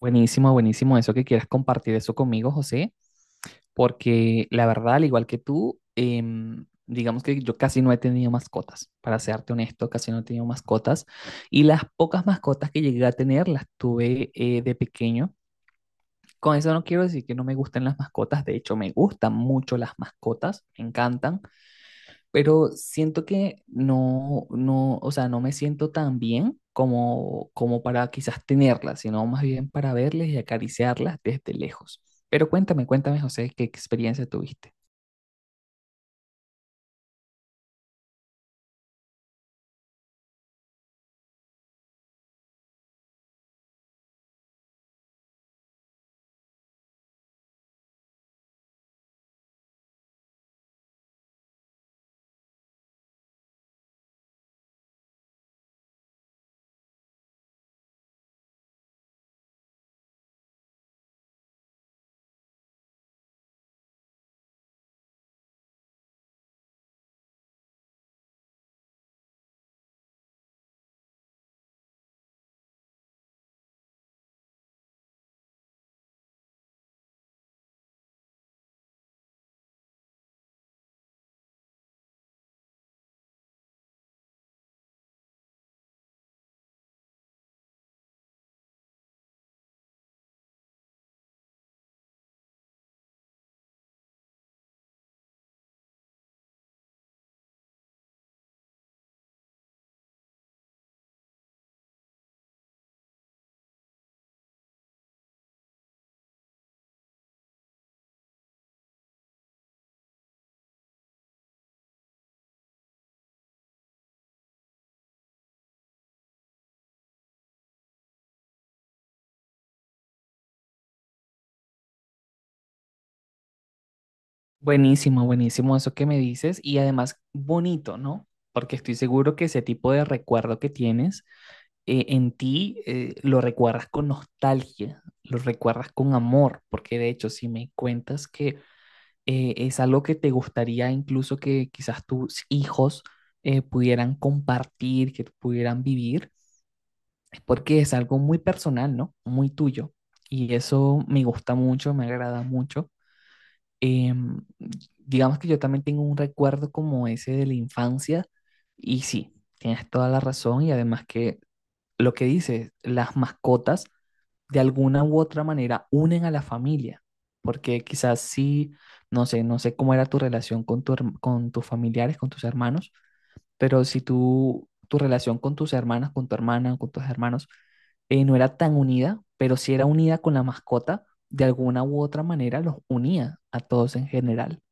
Buenísimo, buenísimo eso que quieras compartir eso conmigo, José, porque la verdad, al igual que tú, digamos que yo casi no he tenido mascotas, para serte honesto, casi no he tenido mascotas, y las pocas mascotas que llegué a tener las tuve de pequeño. Con eso no quiero decir que no me gusten las mascotas, de hecho me gustan mucho las mascotas, me encantan, pero siento que o sea, no me siento tan bien como, como para quizás tenerlas, sino más bien para verles y acariciarlas desde lejos. Pero cuéntame, cuéntame, José, ¿qué experiencia tuviste? Buenísimo, buenísimo eso que me dices y además bonito, ¿no? Porque estoy seguro que ese tipo de recuerdo que tienes en ti lo recuerdas con nostalgia, lo recuerdas con amor, porque de hecho si me cuentas que es algo que te gustaría incluso que quizás tus hijos pudieran compartir, que pudieran vivir, es porque es algo muy personal, ¿no? Muy tuyo. Y eso me gusta mucho, me agrada mucho. Em, digamos que yo también tengo un recuerdo como ese de la infancia y sí, tienes toda la razón y además que lo que dices, las mascotas de alguna u otra manera unen a la familia, porque quizás sí, no sé, no sé cómo era tu relación con, tu herm- con tus familiares, con tus hermanos, pero si tú, tu relación con tus hermanas, con tu hermana, con tus hermanos, no era tan unida, pero si era unida con la mascota, de alguna u otra manera los unía a todos en general.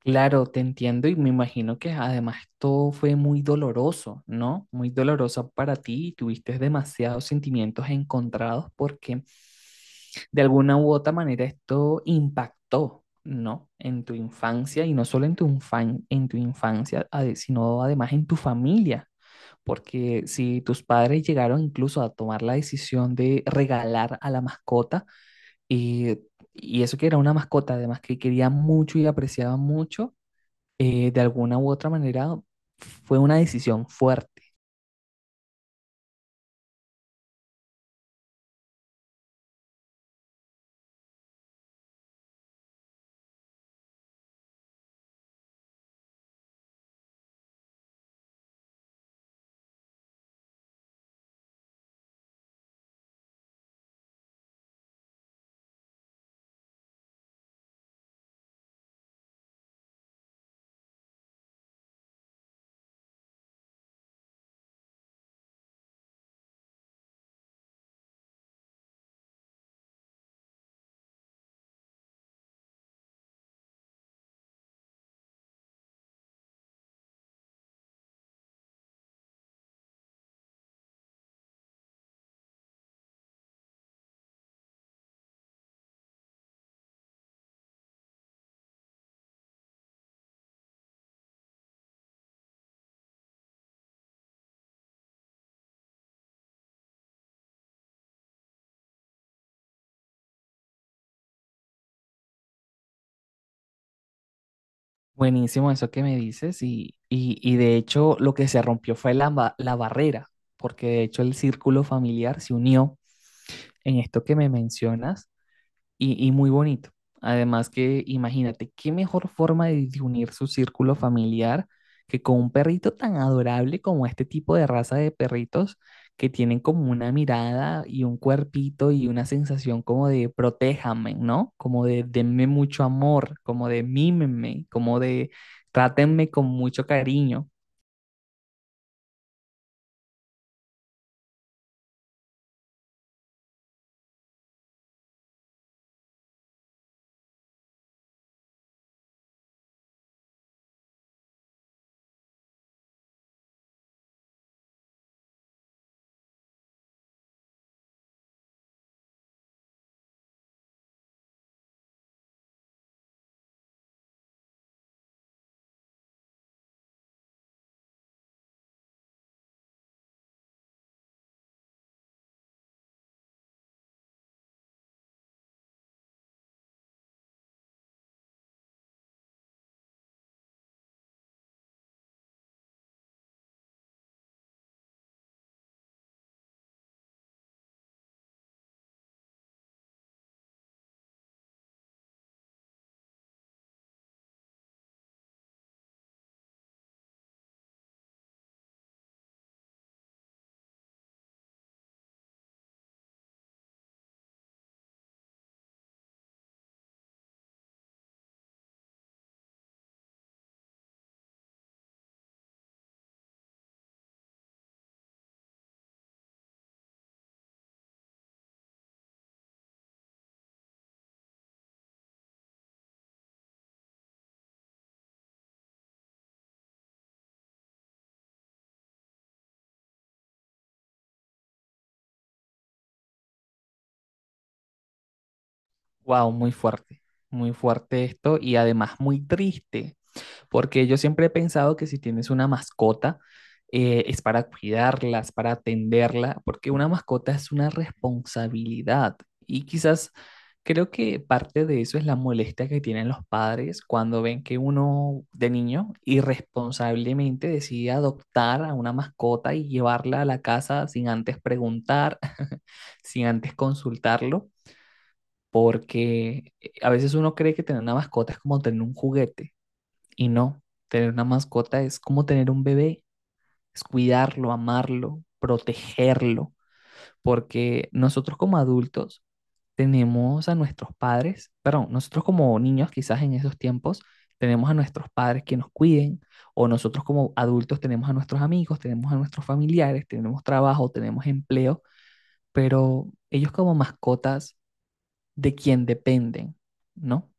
Claro, te entiendo y me imagino que además esto fue muy doloroso, ¿no? Muy doloroso para ti y tuviste demasiados sentimientos encontrados porque de alguna u otra manera esto impactó, ¿no? En tu infancia y no solo en tu, infan- en tu infancia, ade- sino además en tu familia. Porque si tus padres llegaron incluso a tomar la decisión de regalar a la mascota, y, y eso que era una mascota además que quería mucho y apreciaba mucho, de alguna u otra manera fue una decisión fuerte. Buenísimo eso que me dices y de hecho lo que se rompió fue la, ba- la barrera, porque de hecho el círculo familiar se unió en esto que me mencionas y muy bonito. Además que imagínate, qué mejor forma de unir su círculo familiar que con un perrito tan adorable como este tipo de raza de perritos que tienen como una mirada y un cuerpito y una sensación como de protéjame, ¿no? Como de denme mucho amor, como de mímenme, como de trátenme con mucho cariño. Wow, muy fuerte esto y además muy triste. Porque yo siempre he pensado que si tienes una mascota, es para cuidarla, es para atenderla, porque una mascota es una responsabilidad. Y quizás creo que parte de eso es la molestia que tienen los padres cuando ven que uno de niño irresponsablemente decide adoptar a una mascota y llevarla a la casa sin antes preguntar, sin antes consultarlo. Porque a veces uno cree que tener una mascota es como tener un juguete y no, tener una mascota es como tener un bebé, es cuidarlo, amarlo, protegerlo, porque nosotros como adultos tenemos a nuestros padres, perdón, nosotros como niños quizás en esos tiempos tenemos a nuestros padres que nos cuiden, o nosotros como adultos tenemos a nuestros amigos, tenemos a nuestros familiares, tenemos trabajo, tenemos empleo, pero ellos como mascotas de quien dependen, ¿no?